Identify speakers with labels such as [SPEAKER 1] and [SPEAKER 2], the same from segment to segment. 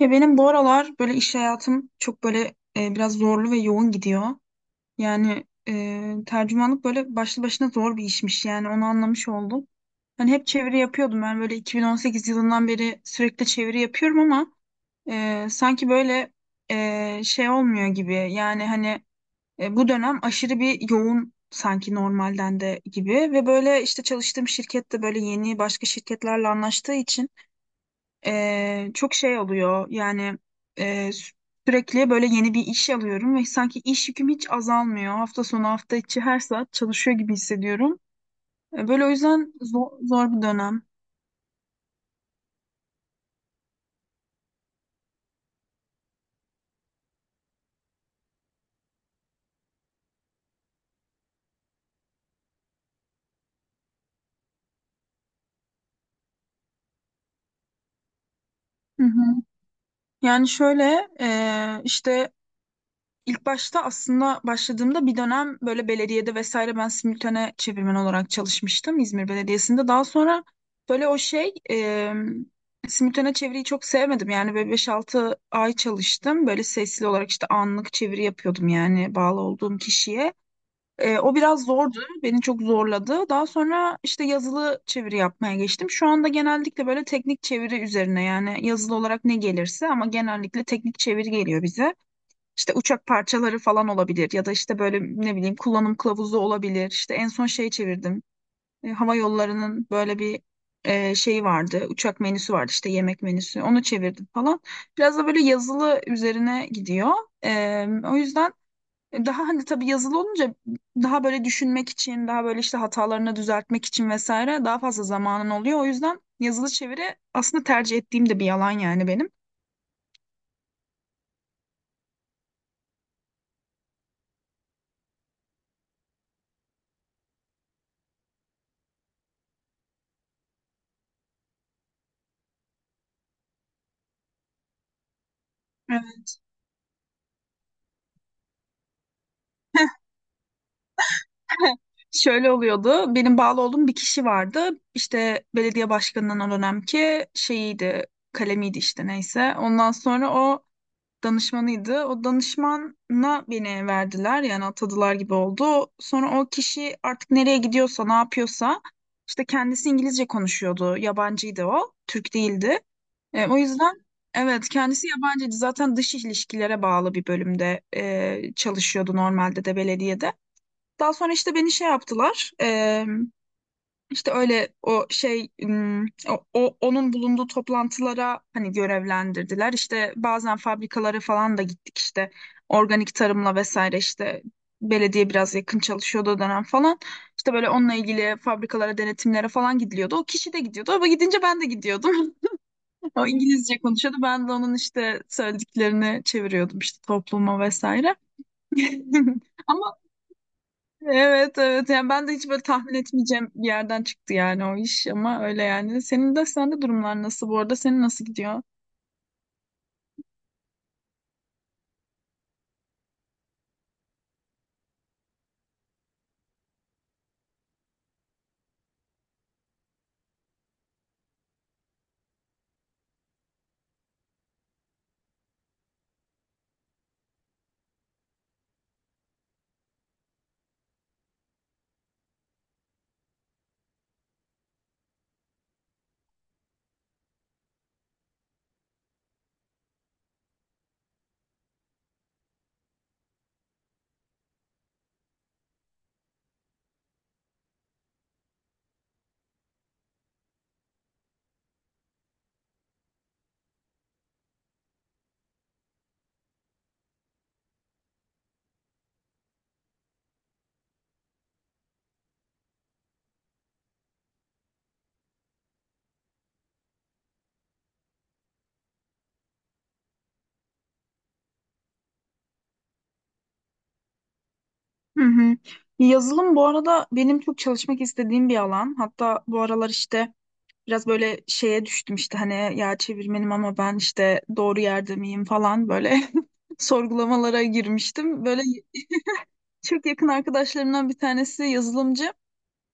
[SPEAKER 1] Ya benim bu aralar böyle iş hayatım çok böyle biraz zorlu ve yoğun gidiyor. Yani tercümanlık böyle başlı başına zor bir işmiş yani onu anlamış oldum. Hani hep çeviri yapıyordum ben böyle 2018 yılından beri sürekli çeviri yapıyorum ama sanki böyle şey olmuyor gibi. Yani hani bu dönem aşırı bir yoğun sanki normalden de gibi ve böyle işte çalıştığım şirkette böyle yeni başka şirketlerle anlaştığı için çok şey oluyor yani e, sü- sürekli böyle yeni bir iş alıyorum ve sanki iş yüküm hiç azalmıyor. Hafta sonu hafta içi her saat çalışıyor gibi hissediyorum. Böyle o yüzden zor, zor bir dönem. Hı hı. Yani şöyle işte İlk başta aslında başladığımda bir dönem böyle belediyede vesaire ben simültane çevirmen olarak çalışmıştım İzmir Belediyesi'nde. Daha sonra böyle o simültane çeviriyi çok sevmedim. Yani böyle 5-6 ay çalıştım. Böyle sesli olarak işte anlık çeviri yapıyordum yani bağlı olduğum kişiye. E, o biraz zordu. Beni çok zorladı. Daha sonra işte yazılı çeviri yapmaya geçtim. Şu anda genellikle böyle teknik çeviri üzerine yani yazılı olarak ne gelirse ama genellikle teknik çeviri geliyor bize. İşte uçak parçaları falan olabilir ya da işte böyle ne bileyim kullanım kılavuzu olabilir. İşte en son şey çevirdim. E, hava yollarının böyle bir şeyi vardı. Uçak menüsü vardı işte yemek menüsü. Onu çevirdim falan. Biraz da böyle yazılı üzerine gidiyor. E, o yüzden Daha hani tabii yazılı olunca daha böyle düşünmek için, daha böyle işte hatalarını düzeltmek için vesaire daha fazla zamanın oluyor. O yüzden yazılı çeviri aslında tercih ettiğim de bir yalan yani benim. Evet. Şöyle oluyordu. Benim bağlı olduğum bir kişi vardı. İşte belediye başkanının o dönemki şeyiydi, kalemiydi işte neyse. Ondan sonra o danışmanıydı. O danışmana beni verdiler yani atadılar gibi oldu. Sonra o kişi artık nereye gidiyorsa, ne yapıyorsa işte kendisi İngilizce konuşuyordu. Yabancıydı o, Türk değildi. E, o yüzden evet kendisi yabancıydı. Zaten dış ilişkilere bağlı bir bölümde çalışıyordu normalde de belediyede. Daha sonra işte beni şey yaptılar. İşte öyle o onun bulunduğu toplantılara hani görevlendirdiler. İşte bazen fabrikalara falan da gittik işte organik tarımla vesaire işte belediye biraz yakın çalışıyordu o dönem falan. İşte böyle onunla ilgili fabrikalara denetimlere falan gidiliyordu. O kişi de gidiyordu. O gidince ben de gidiyordum. O İngilizce konuşuyordu. Ben de onun işte söylediklerini çeviriyordum işte topluma vesaire. Ama evet, evet, yani ben de hiç böyle tahmin etmeyeceğim bir yerden çıktı yani o iş ama öyle yani. Senin de sende durumlar nasıl bu arada? Senin nasıl gidiyor? Hı hı. Yazılım bu arada benim çok çalışmak istediğim bir alan. Hatta bu aralar işte biraz böyle şeye düştüm işte hani ya çevirmenim ama ben işte doğru yerde miyim falan böyle sorgulamalara girmiştim. Böyle çok yakın arkadaşlarımdan bir tanesi yazılımcı.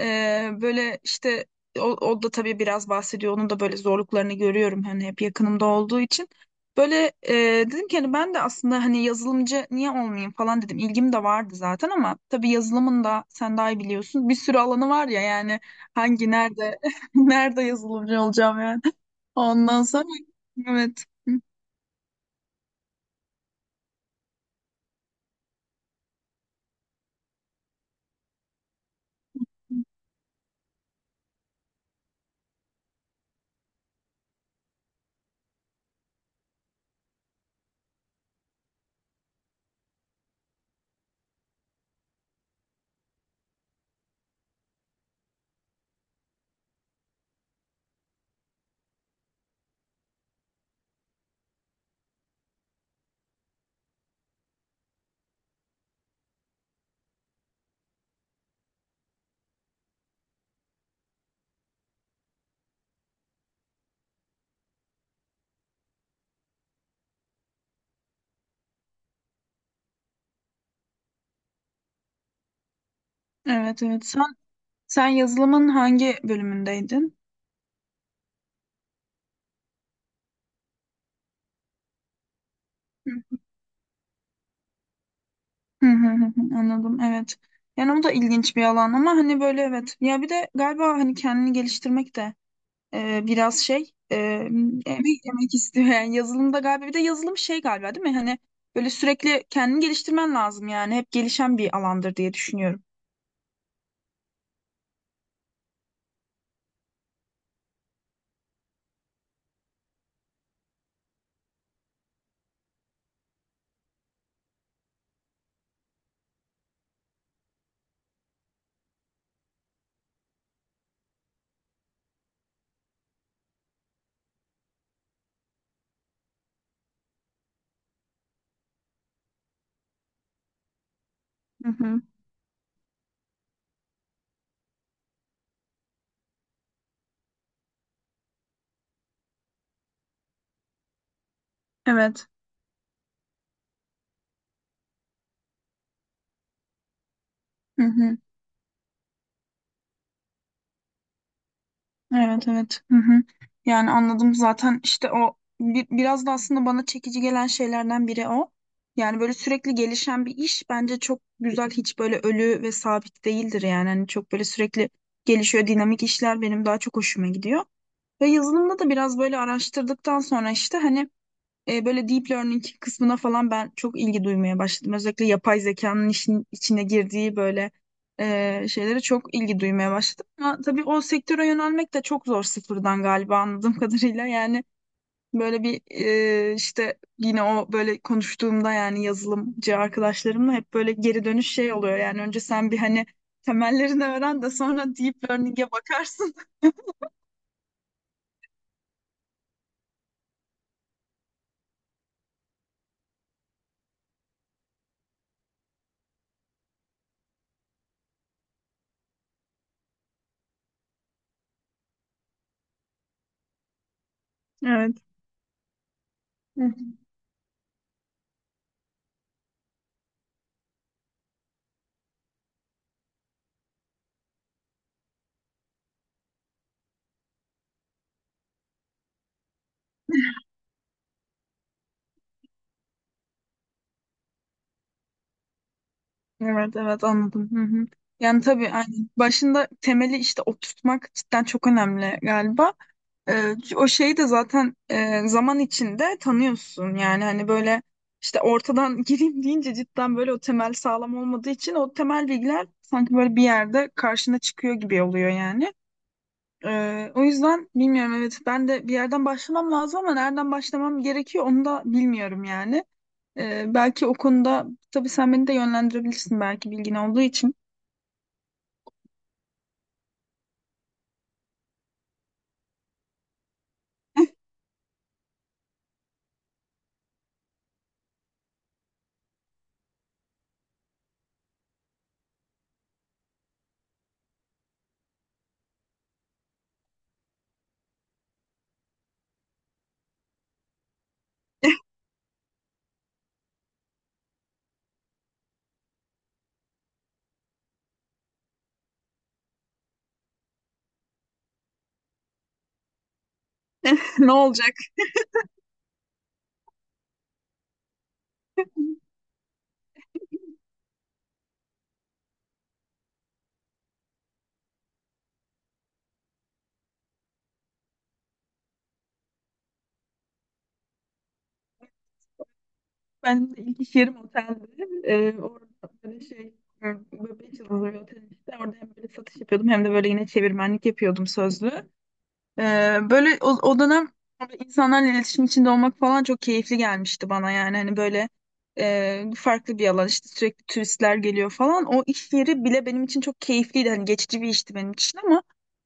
[SPEAKER 1] Böyle işte o da tabii biraz bahsediyor. Onun da böyle zorluklarını görüyorum hani hep yakınımda olduğu için. Böyle dedim ki hani ben de aslında hani yazılımcı niye olmayayım falan dedim. İlgim de vardı zaten ama tabii yazılımın da sen daha iyi biliyorsun. Bir sürü alanı var ya yani nerede nerede yazılımcı olacağım yani. Ondan sonra evet. Evet, evet. Sen yazılımın hangi bölümündeydin? Hı, Anladım, evet. Yani o da ilginç bir alan ama hani böyle evet. Ya bir de galiba hani kendini geliştirmek de e, biraz şey e, emek emek istiyor yani yazılımda galiba bir de yazılım şey galiba değil mi? Hani böyle sürekli kendini geliştirmen lazım yani hep gelişen bir alandır diye düşünüyorum. Hı hı. Evet. Hı hı. Evet, evet. Hı hı. Yani anladım zaten işte o biraz da aslında bana çekici gelen şeylerden biri o. Yani böyle sürekli gelişen bir iş bence çok güzel hiç böyle ölü ve sabit değildir yani. Hani çok böyle sürekli gelişiyor dinamik işler benim daha çok hoşuma gidiyor. Ve yazılımda da biraz böyle araştırdıktan sonra işte hani böyle deep learning kısmına falan ben çok ilgi duymaya başladım. Özellikle yapay zekanın işin içine girdiği böyle şeylere çok ilgi duymaya başladım. Ama tabii o sektöre yönelmek de çok zor sıfırdan galiba anladığım kadarıyla. Yani böyle bir işte yine o böyle konuştuğumda yani yazılımcı arkadaşlarımla hep böyle geri dönüş şey oluyor. Yani önce sen bir hani temellerini öğren de sonra deep learning'e bakarsın. Evet. Evet, evet, anladım. Hı hı. Yani tabii aynen. Başında temeli işte oturtmak cidden çok önemli galiba. O şeyi de zaten zaman içinde tanıyorsun. Yani hani böyle işte ortadan gireyim deyince cidden böyle o temel sağlam olmadığı için o temel bilgiler sanki böyle bir yerde karşına çıkıyor gibi oluyor yani. O yüzden bilmiyorum evet ben de bir yerden başlamam lazım ama nereden başlamam gerekiyor onu da bilmiyorum yani. Belki o konuda tabii sen beni de yönlendirebilirsin belki bilgin olduğu için. Ne olacak? Ben ilk iş yerim otelde. Orada böyle e, böyle beş yıldızlı bir otel işte. Orada hem böyle satış yapıyordum hem de böyle yine çevirmenlik yapıyordum sözlü. Böyle o dönem böyle insanlarla iletişim içinde olmak falan çok keyifli gelmişti bana yani hani böyle farklı bir alan işte sürekli turistler geliyor falan. O iş yeri bile benim için çok keyifliydi. Hani geçici bir işti benim için ama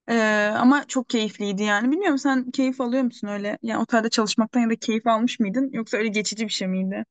[SPEAKER 1] Ee, ama çok keyifliydi yani. Bilmiyorum sen keyif alıyor musun öyle? Yani otelde çalışmaktan ya da keyif almış mıydın? Yoksa öyle geçici bir şey miydi?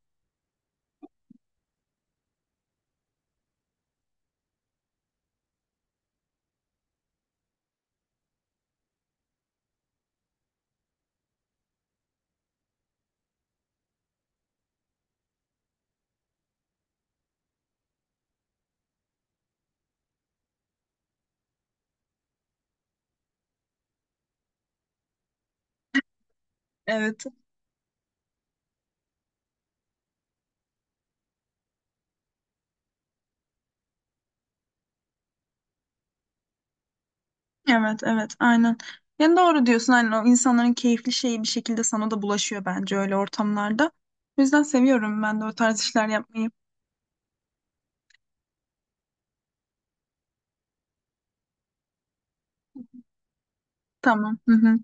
[SPEAKER 1] Evet. Evet, evet, aynen. Yani doğru diyorsun. Aynen o insanların keyifli şeyi bir şekilde sana da bulaşıyor bence öyle ortamlarda. O yüzden seviyorum ben de o tarz işler yapmayı. Tamam. Hı hı.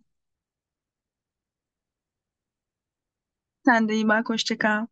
[SPEAKER 1] Sen de iyi bak. Hoşça kal.